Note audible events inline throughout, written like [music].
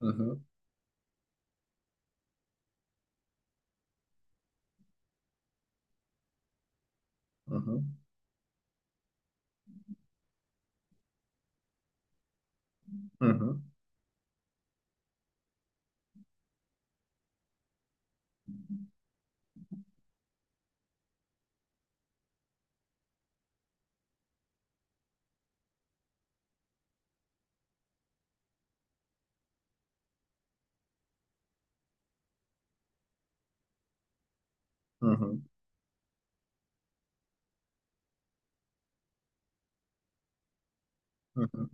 Hı hı, hı hı, hı hı, hı hı, hı hı,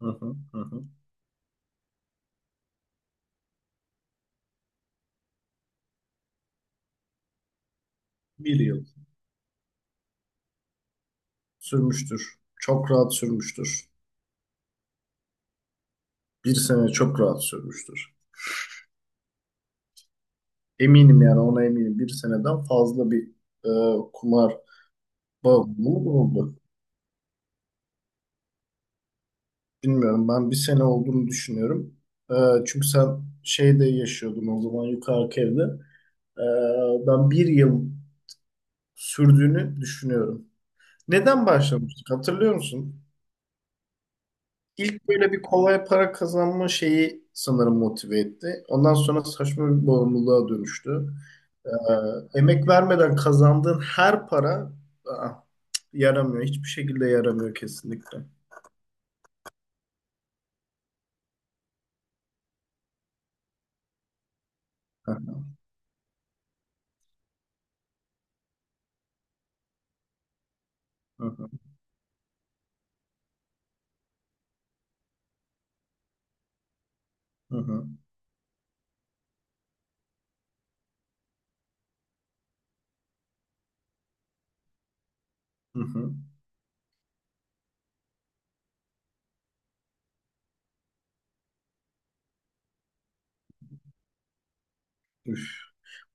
hı hı, hı hı. Bir yıl sürmüştür. Çok rahat sürmüştür. Bir sene çok rahat sürmüştür. Eminim yani, ona eminim. Bir seneden fazla bir e, kumar bağımlılığı oldu. Bilmiyorum, ben bir sene olduğunu düşünüyorum. E, çünkü sen şeyde yaşıyordun o zaman, yukarıki evde. E, ben bir yıl sürdüğünü düşünüyorum. Neden başlamıştık, hatırlıyor musun? İlk böyle bir kolay para kazanma şeyi sanırım motive etti. Ondan sonra saçma bir bağımlılığa dönüştü. Ee, emek vermeden kazandığın her para aa, yaramıyor. Hiçbir şekilde yaramıyor kesinlikle. Hı hı, hı hı, hı hı, hı. Üf.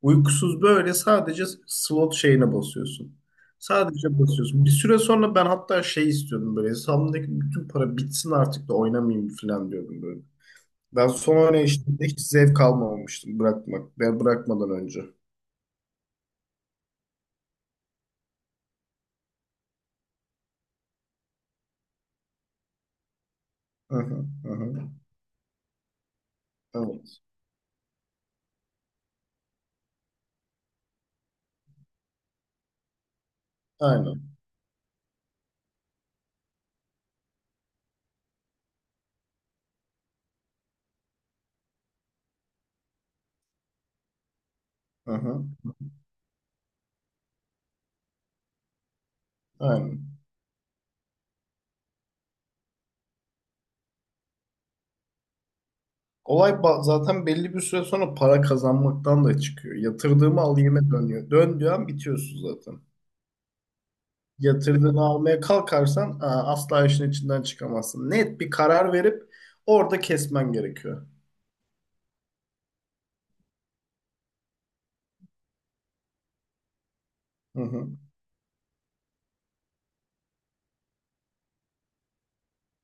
Uykusuz böyle sadece slot şeyine basıyorsun. Sadece basıyorsun. Bir süre sonra ben hatta şey istiyordum böyle, hesabımdaki bütün para bitsin artık da oynamayayım falan diyordum böyle. Ben son oynayışımda hiç zevk almamıştım bırakmak. Ben bırakmadan önce. Hı hı, hı hı. Evet. Aynen. Hı hı, aynen. Olay zaten belli bir süre sonra para kazanmaktan da çıkıyor. Yatırdığımı alayım'a dönüyor. Döndüğü an bitiyorsun zaten. Yatırdığını almaya kalkarsan asla işin içinden çıkamazsın. Net bir karar verip orada kesmen gerekiyor. Hı hı,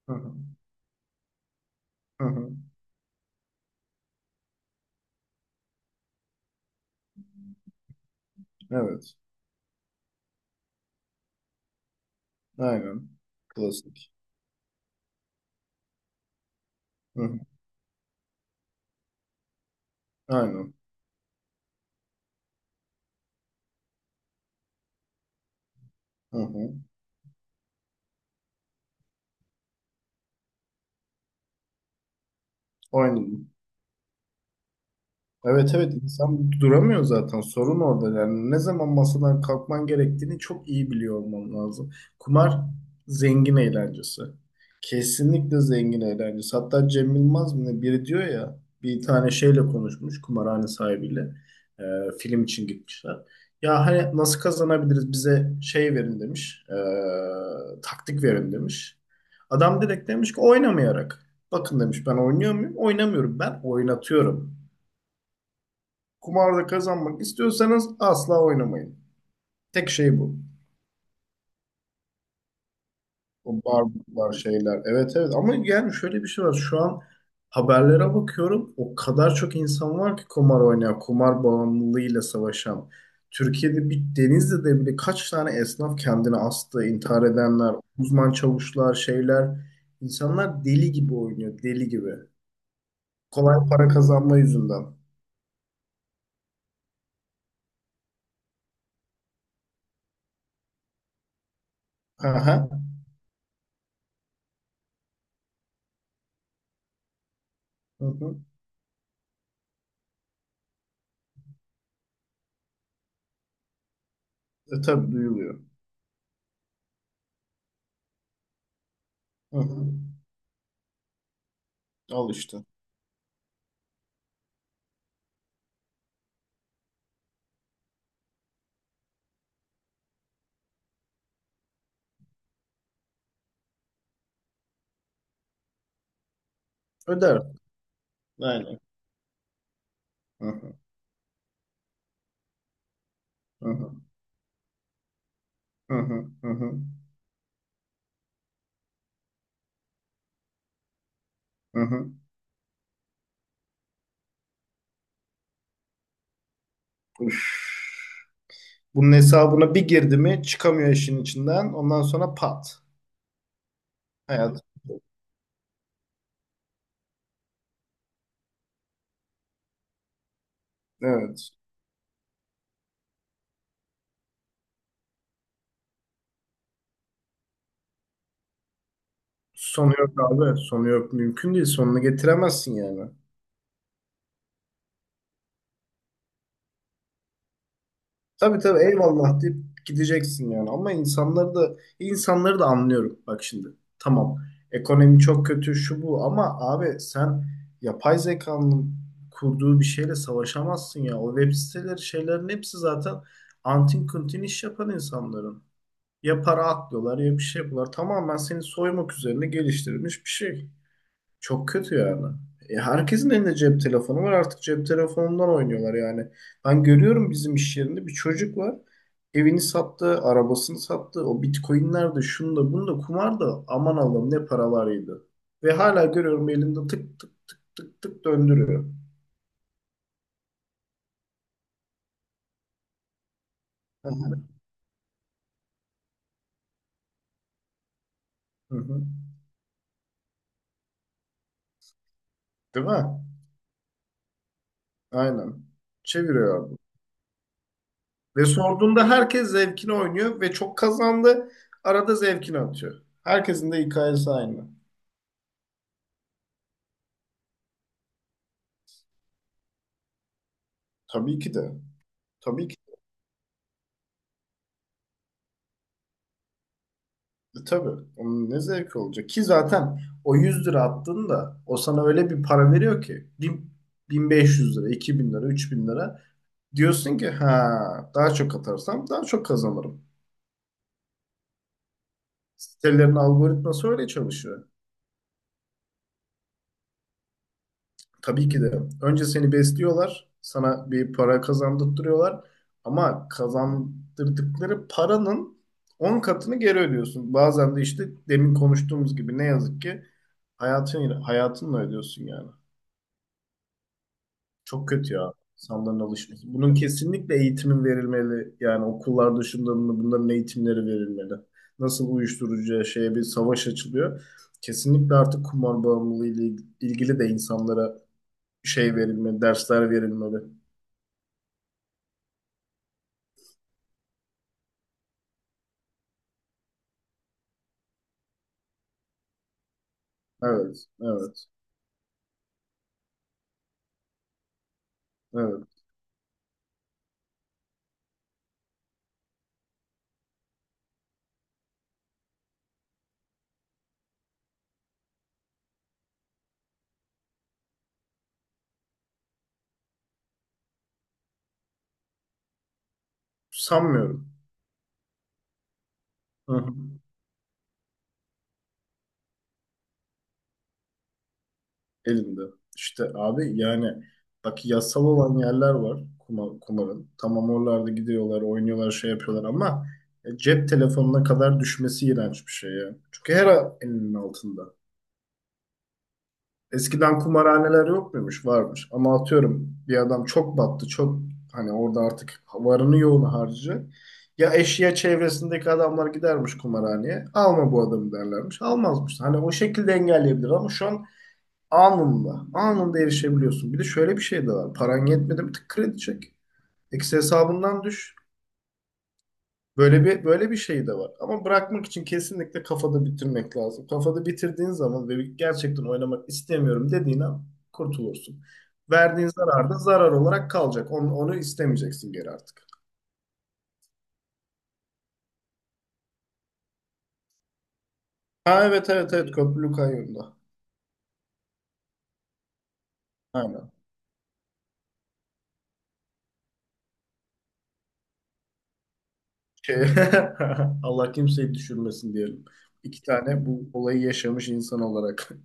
hı hı, hı hı. Evet. Aynen. Klasik. Hı hı, aynen. Hı hı. Oynadım. Evet, evet, insan duramıyor zaten, sorun orada yani. Ne zaman masadan kalkman gerektiğini çok iyi biliyor olman lazım. Kumar zengin eğlencesi. Kesinlikle zengin eğlencesi. Hatta Cem Yılmaz mı ne, biri diyor ya, bir tane şeyle konuşmuş, kumarhane sahibiyle. Ee, film için gitmişler. Ya hani nasıl kazanabiliriz, bize şey verin demiş, taktik verin demiş. Adam direkt demiş ki oynamayarak. Bakın demiş, ben oynuyor muyum? Oynamıyorum, ben oynatıyorum. Kumarda kazanmak istiyorsanız asla oynamayın. Tek şey bu. O barbuklar şeyler. Evet, evet, ama yani şöyle bir şey var. Şu an haberlere bakıyorum. O kadar çok insan var ki kumar oynayan, kumar bağımlılığıyla savaşan. Türkiye'de, bir Denizli'de bile kaç tane esnaf kendini astı, intihar edenler, uzman çavuşlar, şeyler. İnsanlar deli gibi oynuyor, deli gibi. Kolay para kazanma yüzünden. Aha. Hı hı. Tabii duyuluyor. Hı hı. Al işte. Öder. Aynen. Hı hı, hı hı, hı hı, hı hı, hı hı. Üf. Bunun hesabına bir girdi mi çıkamıyor işin içinden. Ondan sonra pat. Hayat. Evet. Sonu yok abi. Sonu yok. Mümkün değil. Sonunu getiremezsin yani. Tabii, tabii, eyvallah deyip gideceksin yani. Ama insanları da, insanları da anlıyorum. Bak şimdi, tamam, ekonomi çok kötü şu bu, ama abi sen yapay zekanın kurduğu bir şeyle savaşamazsın ya. O web siteleri, şeylerin hepsi zaten antin kuntin iş yapan insanların. Ya para atlıyorlar ya bir şey yapıyorlar. Tamamen seni soymak üzerine geliştirilmiş bir şey. Çok kötü yani. Herkesin elinde cep telefonu var. Artık cep telefonundan oynuyorlar yani. Ben görüyorum, bizim iş yerinde bir çocuk var. Evini sattı, arabasını sattı. O bitcoinler de, şunu da bunu da, kumar da, aman Allah'ım ne paralarıydı. Ve hala görüyorum, elinde tık tık tık tık tık döndürüyor. Hı hı. Hı hı. Değil mi? Aynen. Çeviriyor abi. Ve sorduğunda herkes zevkini oynuyor ve çok kazandı. Arada zevkini atıyor. Herkesin de hikayesi aynı. Tabii ki de. Tabii. Tabii. Onun ne zevki olacak ki zaten, o 100 lira attığında o sana öyle bir para veriyor ki 1500 lira, 2000 lira, 3000 lira, diyorsun ki ha, daha çok atarsam daha çok kazanırım. Sitelerin algoritması öyle çalışıyor. Tabii ki de önce seni besliyorlar, sana bir para kazandırtıyorlar ama kazandırdıkları paranın 10 katını geri ödüyorsun. Bazen de işte demin konuştuğumuz gibi ne yazık ki hayatın, hayatınla ödüyorsun yani. Çok kötü ya insanların alışması. Bunun kesinlikle eğitimin verilmeli. Yani okullar dışında bunların eğitimleri verilmeli. Nasıl uyuşturucuya, şeye bir savaş açılıyor. Kesinlikle artık kumar bağımlılığı ile ilgili de insanlara şey verilmeli, dersler verilmeli. Evet, evet, evet. Sanmıyorum. Hı hı. Elinde. İşte abi yani, bak, yasal olan yerler var kumarın. Tamam, oralarda gidiyorlar, oynuyorlar, şey yapıyorlar ama cep telefonuna kadar düşmesi iğrenç bir şey ya. Çünkü her an elinin altında. Eskiden kumarhaneler yok muymuş? Varmış. Ama atıyorum, bir adam çok battı, çok, hani orada artık varını yoğunu harcı. Ya, eşya, çevresindeki adamlar gidermiş kumarhaneye. Alma bu adamı derlermiş. Almazmış. Hani o şekilde engelleyebilir ama şu an anında. Anında erişebiliyorsun. Bir de şöyle bir şey de var. Paran yetmedi mi? Tık, kredi çek. Eksi hesabından düş. Böyle bir şey de var. Ama bırakmak için kesinlikle kafada bitirmek lazım. Kafada bitirdiğin zaman ve gerçekten oynamak istemiyorum dediğin an kurtulursun. Verdiğin zarar da zarar olarak kalacak. Onu istemeyeceksin geri artık. Ha, evet, evet, evet, köprülü kayyumda. Aynen. Şey, [laughs] Allah kimseyi düşürmesin diyelim. İki tane bu olayı yaşamış insan olarak. [laughs]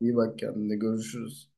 İyi bak kendine, görüşürüz.